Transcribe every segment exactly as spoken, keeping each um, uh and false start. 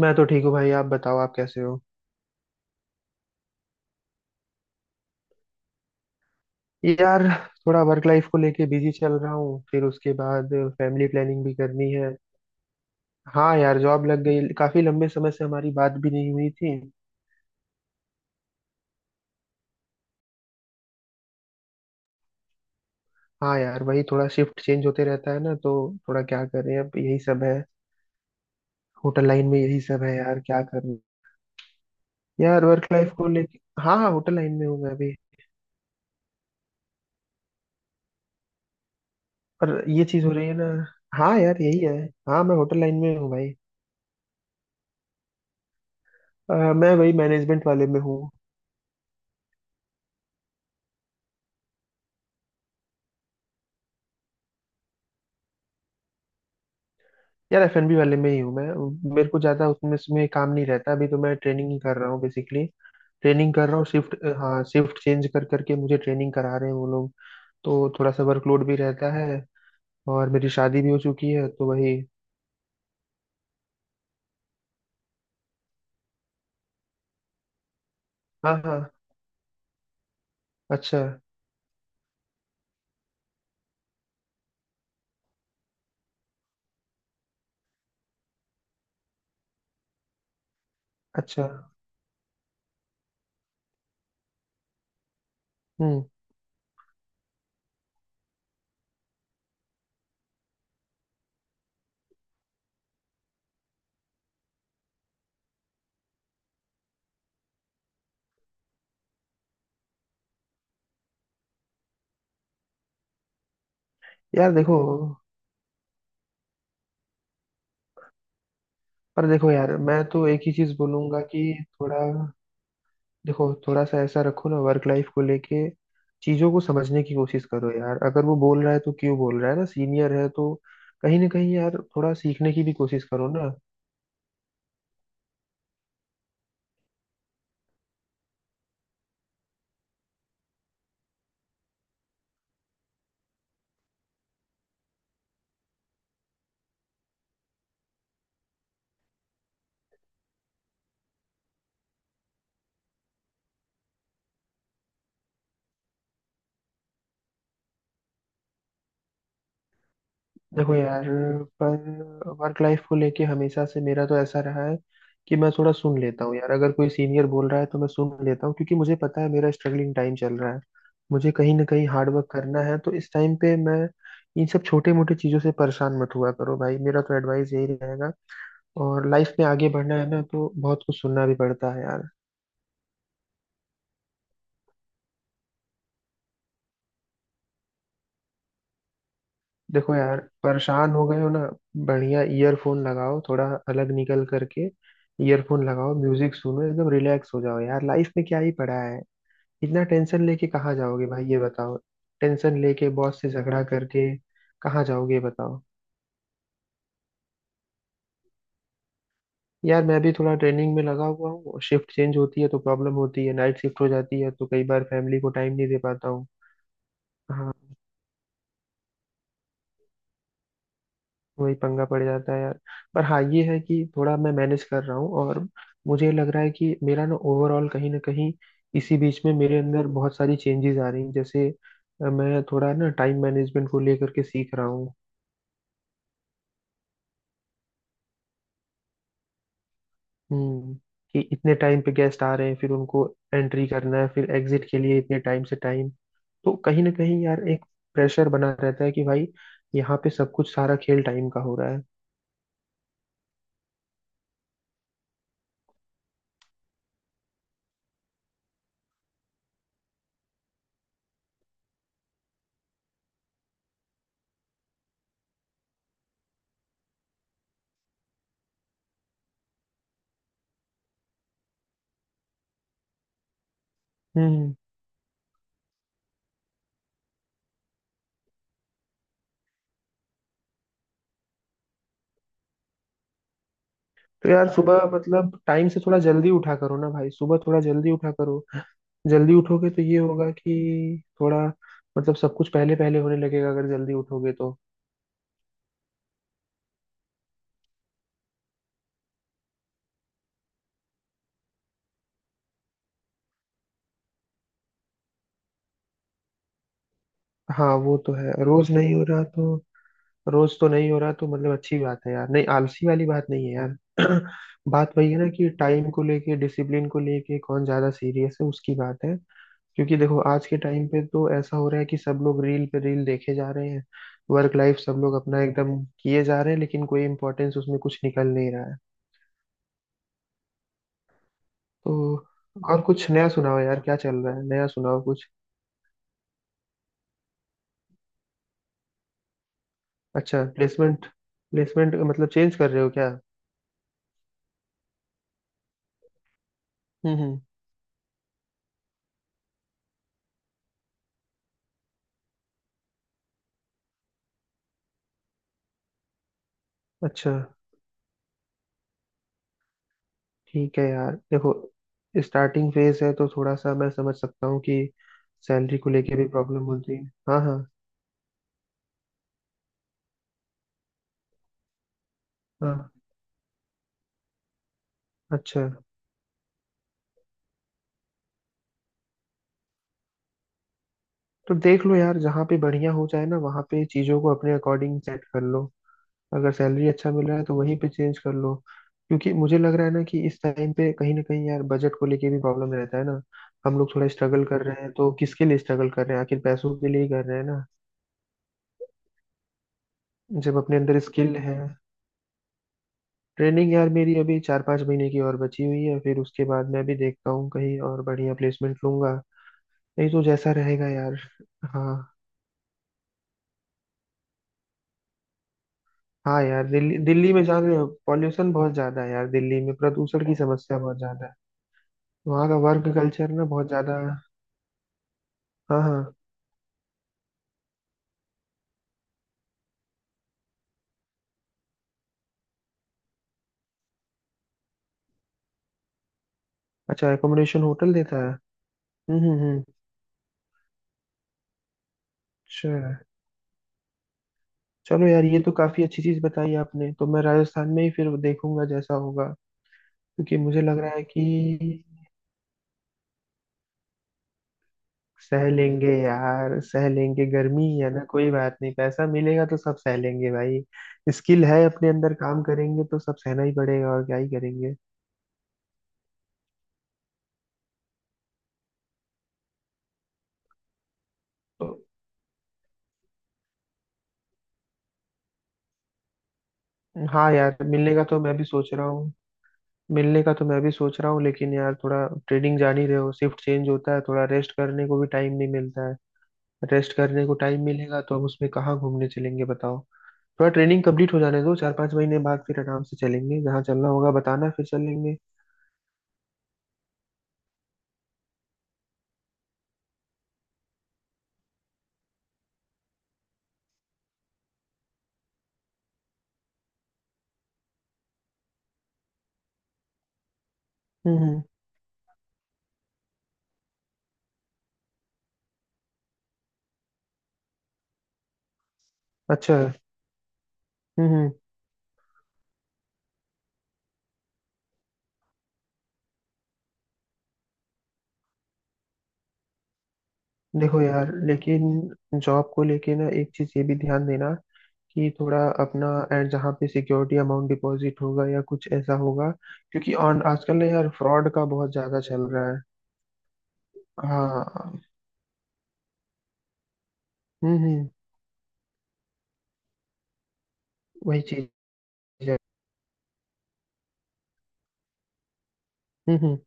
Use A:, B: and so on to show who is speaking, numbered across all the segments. A: मैं तो ठीक हूँ भाई। आप बताओ, आप कैसे हो? यार, थोड़ा वर्क लाइफ को लेके बिजी चल रहा हूँ। फिर उसके बाद फैमिली प्लानिंग भी करनी है। हाँ यार, जॉब लग गई। काफी लंबे समय से हमारी बात भी नहीं हुई थी। हाँ यार, वही थोड़ा शिफ्ट चेंज होते रहता है ना, तो थोड़ा क्या करें, अब यही सब है। होटल लाइन में यही सब है यार, क्या करूँ। यार वर्क लाइफ को लेके, हाँ हाँ, होटल लाइन में हूँ मैं अभी। पर ये चीज हो रही है ना। हाँ यार, यही है। हाँ, मैं होटल लाइन में हूँ भाई। अ, मैं वही मैनेजमेंट वाले में हूँ। यार, एफएनबी वाले में ही हूँ मैं। मेरे को ज्यादा उसमें उसमें काम नहीं रहता, अभी तो मैं ट्रेनिंग ही कर रहा हूँ बेसिकली। ट्रेनिंग कर रहा हूँ, शिफ्ट, हाँ शिफ्ट चेंज कर करके मुझे ट्रेनिंग करा रहे हैं वो लोग। तो थोड़ा सा वर्कलोड भी रहता है। और मेरी शादी भी हो चुकी है तो वही। हाँ हाँ। अच्छा अच्छा। हम्म। यार देखो, पर देखो यार, मैं तो एक ही चीज बोलूंगा कि थोड़ा। देखो, थोड़ा सा ऐसा रखो ना वर्क लाइफ को लेके। चीजों को समझने की कोशिश करो यार, अगर वो बोल रहा है तो क्यों बोल रहा है ना, सीनियर है तो। कहीं ना कहीं यार, थोड़ा सीखने की भी कोशिश करो ना। देखो यार, पर वर्क लाइफ को लेके हमेशा से मेरा तो ऐसा रहा है कि मैं थोड़ा सुन लेता हूँ यार। अगर कोई सीनियर बोल रहा है तो मैं सुन लेता हूँ, क्योंकि मुझे पता है मेरा स्ट्रगलिंग टाइम चल रहा है। मुझे कहीं ना कहीं हार्ड वर्क करना है, तो इस टाइम पे मैं इन सब छोटे मोटे चीजों से परेशान मत हुआ करो भाई, मेरा तो एडवाइस यही रहेगा। और लाइफ में आगे बढ़ना है ना, तो बहुत कुछ सुनना भी पड़ता है यार। देखो यार, परेशान हो गए हो ना। बढ़िया ईयरफोन लगाओ, थोड़ा अलग निकल करके ईयरफोन लगाओ, म्यूजिक सुनो, एकदम रिलैक्स हो जाओ यार। लाइफ में क्या ही पड़ा है, इतना टेंशन लेके कहाँ जाओगे भाई, ये बताओ। टेंशन लेके बॉस से झगड़ा करके कहाँ जाओगे, ये बताओ। यार मैं भी थोड़ा ट्रेनिंग में लगा हुआ हूँ, शिफ्ट चेंज होती है तो प्रॉब्लम होती है, नाइट शिफ्ट हो जाती है तो कई बार फैमिली को टाइम नहीं दे पाता हूँ। हाँ वही पंगा पड़ जाता है यार। पर हाँ ये है कि थोड़ा मैं मैनेज कर रहा हूँ, और मुझे लग रहा है कि मेरा ना ओवरऑल कहीं ना कहीं इसी बीच में मेरे अंदर बहुत सारी चेंजेस आ रही हैं, जैसे अ, मैं थोड़ा ना टाइम मैनेजमेंट को लेकर के सीख रहा हूँ। हम्म। कि इतने टाइम पे गेस्ट आ रहे हैं, फिर उनको एंट्री करना है, फिर एग्जिट के लिए इतने टाइम से टाइम, तो कहीं ना कहीं यार एक प्रेशर बना रहता है कि भाई यहाँ पे सब कुछ, सारा खेल टाइम का हो रहा है। हम्म। तो यार, सुबह मतलब टाइम से थोड़ा जल्दी उठा करो ना भाई, सुबह थोड़ा जल्दी उठा करो। जल्दी उठोगे तो ये होगा कि थोड़ा मतलब सब कुछ पहले पहले होने लगेगा अगर जल्दी उठोगे तो। हाँ वो तो है, रोज नहीं हो रहा तो, रोज तो नहीं हो रहा तो मतलब अच्छी बात है यार, नहीं आलसी वाली बात नहीं है यार। बात वही है ना कि टाइम को लेके डिसिप्लिन को लेके कौन ज्यादा सीरियस है, उसकी बात है। क्योंकि देखो आज के टाइम पे तो ऐसा हो रहा है कि सब लोग रील पे रील देखे जा रहे हैं, वर्क लाइफ सब लोग अपना एकदम किए जा रहे हैं, लेकिन कोई इम्पोर्टेंस उसमें कुछ निकल नहीं रहा है। तो और कुछ नया सुनाओ यार, क्या चल रहा है, नया सुनाओ कुछ। अच्छा प्लेसमेंट, प्लेसमेंट मतलब चेंज कर रहे हो क्या? हम्म हम्म। अच्छा। ठीक है यार, देखो, स्टार्टिंग फेज है तो थोड़ा सा मैं समझ सकता हूँ कि सैलरी को लेके भी प्रॉब्लम होती है। हाँ हाँ। हाँ। अच्छा। तो देख लो यार, जहाँ पे बढ़िया हो जाए ना वहाँ पे चीज़ों को अपने अकॉर्डिंग सेट कर लो। अगर सैलरी अच्छा मिल रहा है तो वहीं पे चेंज कर लो। क्योंकि मुझे लग रहा है ना कि इस टाइम पे कहीं ना कहीं यार बजट को लेके भी प्रॉब्लम रहता है ना। हम लोग थोड़ा स्ट्रगल कर रहे हैं तो किसके लिए स्ट्रगल कर रहे हैं, आखिर पैसों के लिए ही कर रहे हैं ना। जब अपने अंदर स्किल है, ट्रेनिंग यार मेरी अभी चार पाँच महीने की और बची हुई है, फिर उसके बाद मैं भी देखता हूँ कहीं और बढ़िया प्लेसमेंट लूंगा। नहीं तो जैसा रहेगा यार। हाँ। हाँ यार, दिल्ली दिल्ली में जान रहे हो पॉल्यूशन बहुत ज्यादा है यार, दिल्ली में प्रदूषण की समस्या बहुत ज्यादा है। वहाँ का वर्क कल्चर ना बहुत ज्यादा। हाँ हाँ। अच्छा, एकोमोडेशन होटल देता है। हम्म हम्म हम्म। अच्छा। चलो यार, ये तो काफी अच्छी चीज बताई आपने, तो मैं राजस्थान में ही फिर देखूंगा जैसा होगा। क्योंकि मुझे लग रहा है कि सह लेंगे यार, सह लेंगे, गर्मी ही है ना, कोई बात नहीं, पैसा मिलेगा तो सब सह लेंगे भाई। स्किल है अपने अंदर, काम करेंगे तो सब सहना ही पड़ेगा, और क्या ही करेंगे। तो हाँ यार, मिलने का तो मैं भी सोच रहा हूँ। मिलने का तो मैं भी सोच रहा हूँ, लेकिन यार थोड़ा ट्रेडिंग जान ही रहे हो, शिफ्ट चेंज होता है, थोड़ा रेस्ट करने को भी टाइम नहीं मिलता है। रेस्ट करने को टाइम मिलेगा तो अब उसमें कहाँ घूमने चलेंगे बताओ। थोड़ा ट्रेनिंग कंप्लीट हो जाने दो, चार पांच महीने बाद फिर आराम से चलेंगे, जहाँ चलना होगा बताना, फिर चलेंगे। हम्म हम्म, अच्छा। हम्म हम्म। देखो यार लेकिन जॉब को लेके ना एक चीज ये भी ध्यान देना कि थोड़ा अपना एंड जहाँ पे सिक्योरिटी अमाउंट डिपॉजिट होगा या कुछ ऐसा होगा, क्योंकि ऑन आजकल ना यार फ्रॉड का बहुत ज्यादा चल रहा है। हाँ। हम्म हम्म। वही चीज है। हम्म हम्म।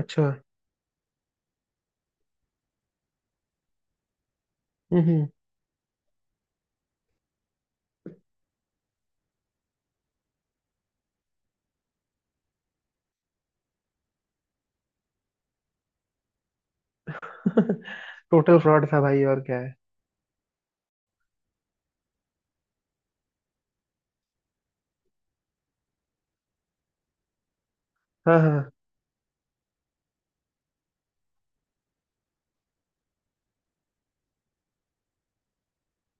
A: अच्छा। हम्म हम्म। टोटल फ्रॉड था भाई और क्या है। हाँ हाँ।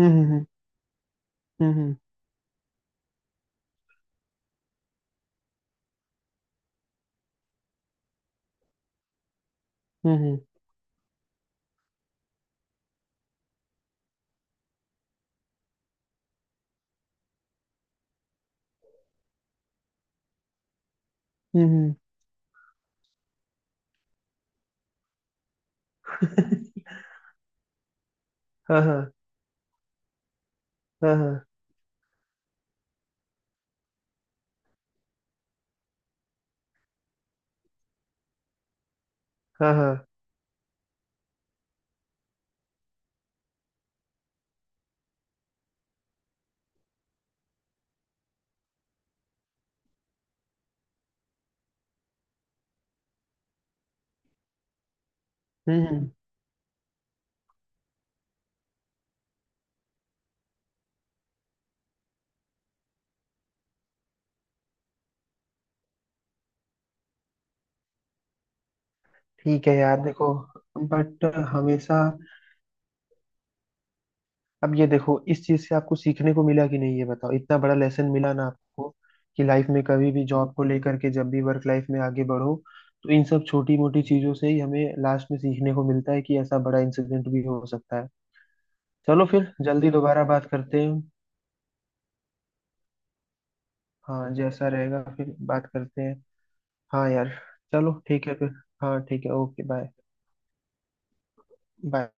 A: हम्म हम्म हम्म। हम्म हम्म हम्म हम्म, हाँ हाँ। हाँ हाँ। हाँ हाँ। हम्म हम्म। ठीक है यार, देखो, बट हमेशा अब ये देखो, इस चीज से आपको सीखने को मिला कि नहीं, ये बताओ, इतना बड़ा लेसन मिला ना आपको कि लाइफ में कभी भी जॉब को लेकर के जब भी वर्क लाइफ में आगे बढ़ो, तो इन सब छोटी मोटी चीजों से ही हमें लास्ट में सीखने को मिलता है कि ऐसा बड़ा इंसिडेंट भी हो सकता है। चलो फिर जल्दी दोबारा बात करते हैं। हाँ जैसा रहेगा फिर बात करते हैं। हाँ यार। चलो ठीक है फिर। हाँ ठीक है, ओके बाय। बाय।